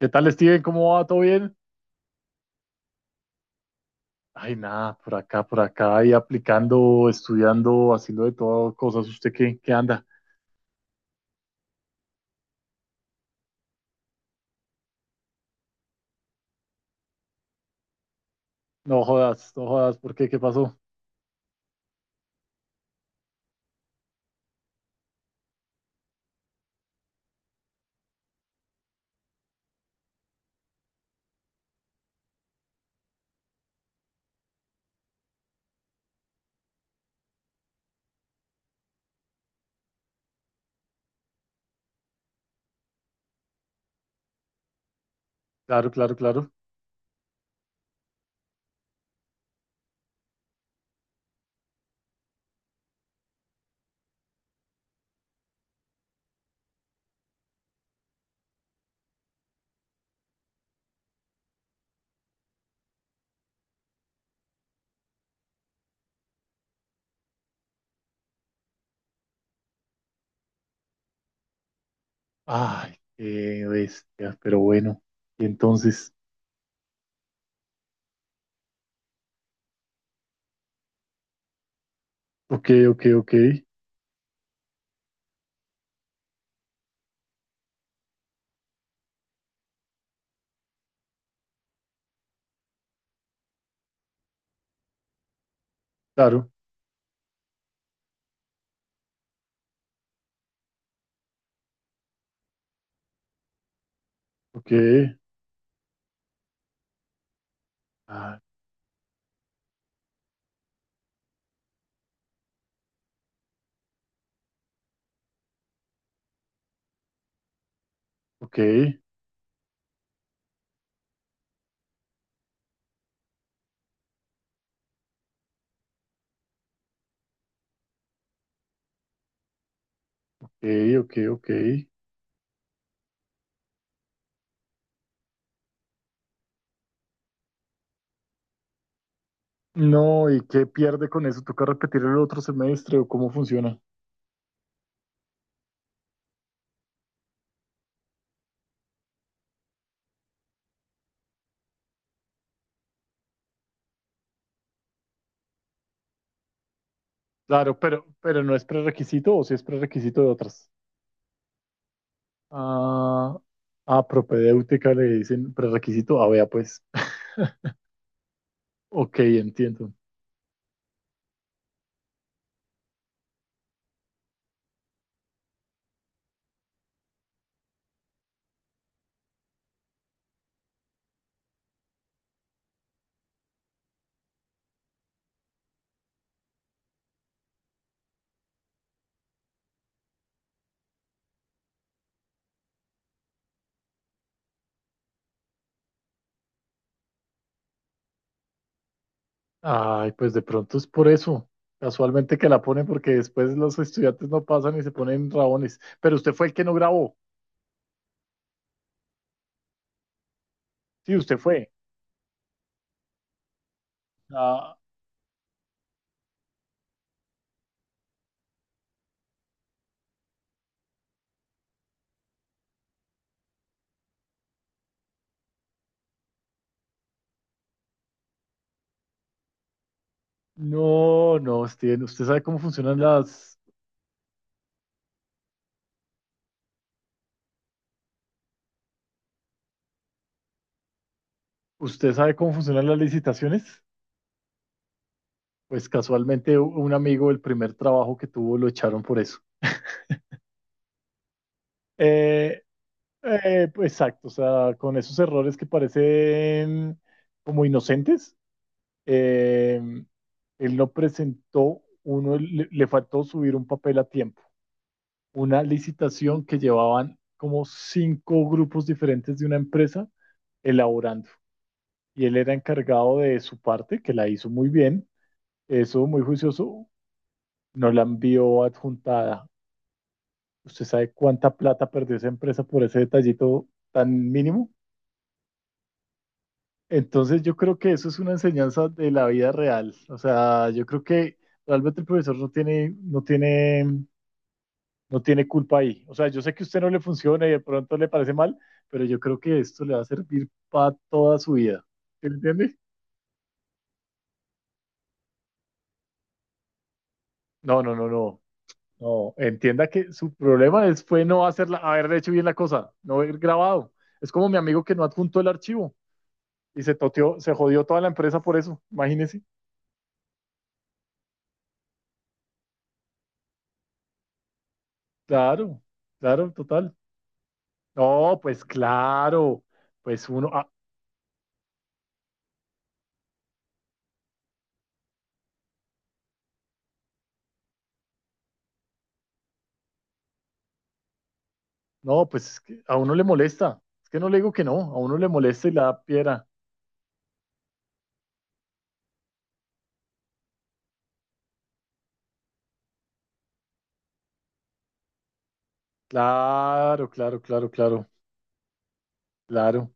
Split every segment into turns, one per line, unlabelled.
¿Qué tal, Steven? ¿Cómo va? ¿Todo bien? Ay, nada, por acá, y aplicando, estudiando, haciendo de todo, cosas. ¿Usted qué, qué anda? No jodas, no jodas, ¿por qué? ¿Qué pasó? Claro, claro, claro. Ay, qué bestia, pero bueno. Y entonces, ok, ok, ok, claro, ok, ah, ok, ok, ok, ok. No, ¿y qué pierde con eso? ¿Toca repetir el otro semestre o cómo funciona? Claro, pero no es prerequisito o si es prerequisito de otras. Ah, ah, propedéutica le dicen prerequisito. Ah, vea, pues. Ok, entiendo. Ay, pues de pronto es por eso. Casualmente que la ponen porque después los estudiantes no pasan y se ponen rabones. Pero usted fue el que no grabó. Sí, usted fue. Ah, no, no, Steven. ¿Usted sabe cómo funcionan las... ¿Usted sabe cómo funcionan las licitaciones? Pues casualmente un amigo, el primer trabajo que tuvo, lo echaron por eso. Eh, pues, exacto, o sea, con esos errores que parecen como inocentes, eh, él no presentó uno, le faltó subir un papel a tiempo, una licitación que llevaban como cinco grupos diferentes de una empresa elaborando, y él era encargado de su parte, que la hizo muy bien, eso muy juicioso, no la envió adjuntada. ¿Usted sabe cuánta plata perdió esa empresa por ese detallito tan mínimo? Entonces yo creo que eso es una enseñanza de la vida real. O sea, yo creo que realmente el profesor no tiene culpa ahí. O sea, yo sé que a usted no le funciona y de pronto le parece mal, pero yo creo que esto le va a servir para toda su vida. ¿Sí me entiende? No, no, no, no. No, entienda que su problema fue no hacerla, haber hecho bien la cosa, no haber grabado. Es como mi amigo que no adjuntó el archivo y se toteó, se jodió toda la empresa por eso. Imagínese. Claro, claro, total. No, pues claro, pues uno, ah, no, pues es que a uno le molesta, es que no le digo que no, a uno le molesta y la da piedra. Claro, claro, claro, claro, claro.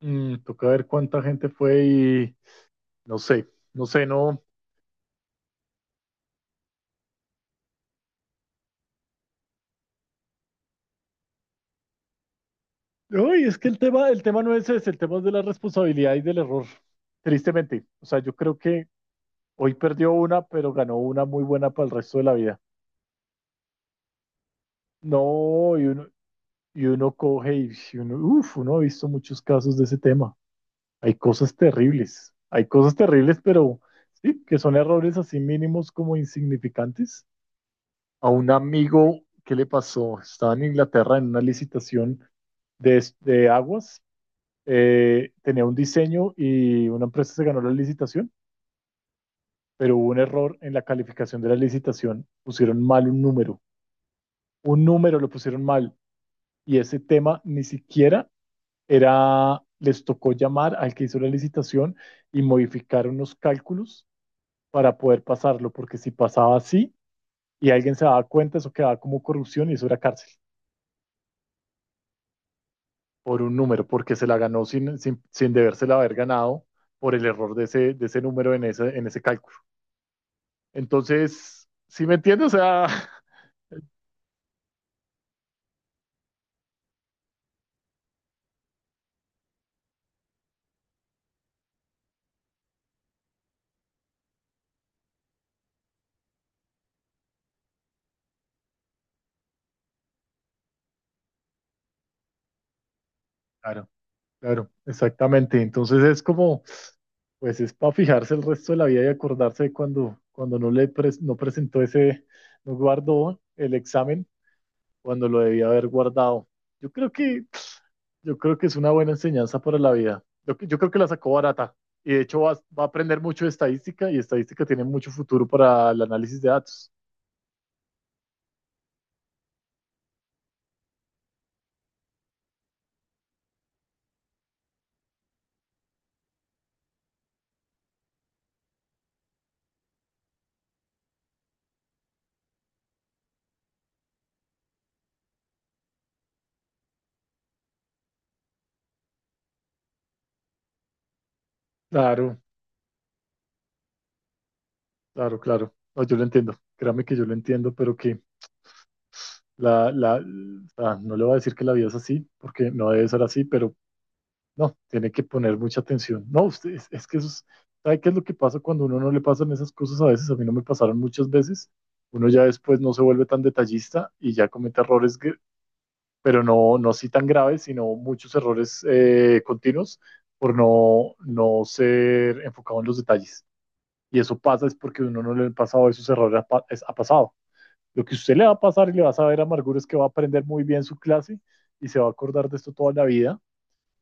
Mm, toca ver cuánta gente fue y no sé, no sé, no. Uy, es que el tema no es ese, el tema es de la responsabilidad y del error, tristemente. O sea, yo creo que hoy perdió una, pero ganó una muy buena para el resto de la vida. No, y uno coge y uno, uf, uno ha visto muchos casos de ese tema. Hay cosas terribles, pero sí, que son errores así mínimos como insignificantes. A un amigo, ¿qué le pasó? Estaba en Inglaterra en una licitación de, de aguas, tenía un diseño y una empresa se ganó la licitación, pero hubo un error en la calificación de la licitación, pusieron mal un número lo pusieron mal y ese tema ni siquiera era, les tocó llamar al que hizo la licitación y modificar unos cálculos para poder pasarlo, porque si pasaba así y alguien se daba cuenta, eso quedaba como corrupción y eso era cárcel por un número, porque se la ganó sin debérsela haber ganado por el error de de ese número en en ese cálculo. Entonces, ¿sí me entiendes? O sea, claro, claro, exactamente. Entonces es como, pues es para fijarse el resto de la vida y acordarse de cuando, cuando no le no presentó ese, no guardó el examen cuando lo debía haber guardado. Yo creo que Yo creo que es una buena enseñanza para la vida. Yo creo que la sacó barata y de hecho va a aprender mucho de estadística y estadística tiene mucho futuro para el análisis de datos. Claro, claro, claro. No, yo lo entiendo. Créame que yo lo entiendo, pero que la, la, no le voy a decir que la vida es así, porque no debe ser así, pero no, tiene que poner mucha atención. No, usted, es que eso es, ¿sabe qué es lo que pasa cuando a uno no le pasan esas cosas a veces? A mí no me pasaron muchas veces. Uno ya después no se vuelve tan detallista y ya comete errores pero no, no sí tan graves, sino muchos errores continuos por no, no ser enfocado en los detalles. Y eso pasa es porque uno no le ha pasado esos errores, ha, ha pasado. Lo que usted le va a pasar y le va a saber Amargura es que va a aprender muy bien su clase y se va a acordar de esto toda la vida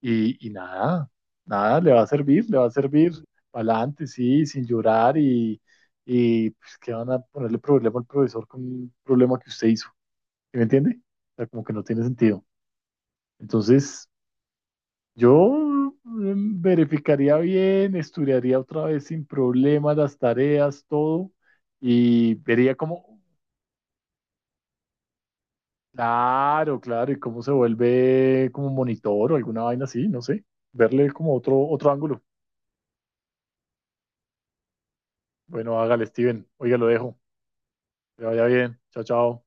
y nada, nada, le va a servir, le va a servir para adelante, sí, sin llorar y pues, que van a ponerle problema al profesor con un problema que usted hizo. ¿Sí ¿Me entiende? O sea, como que no tiene sentido. Entonces, Yo mm, verificaría bien, estudiaría otra vez sin problemas las tareas, todo, y vería cómo, claro, claro, y cómo se vuelve como un monitor o alguna vaina así, no sé, verle como otro, otro ángulo. Bueno, hágale, Steven, oiga, lo dejo, que le vaya bien, chao, chao.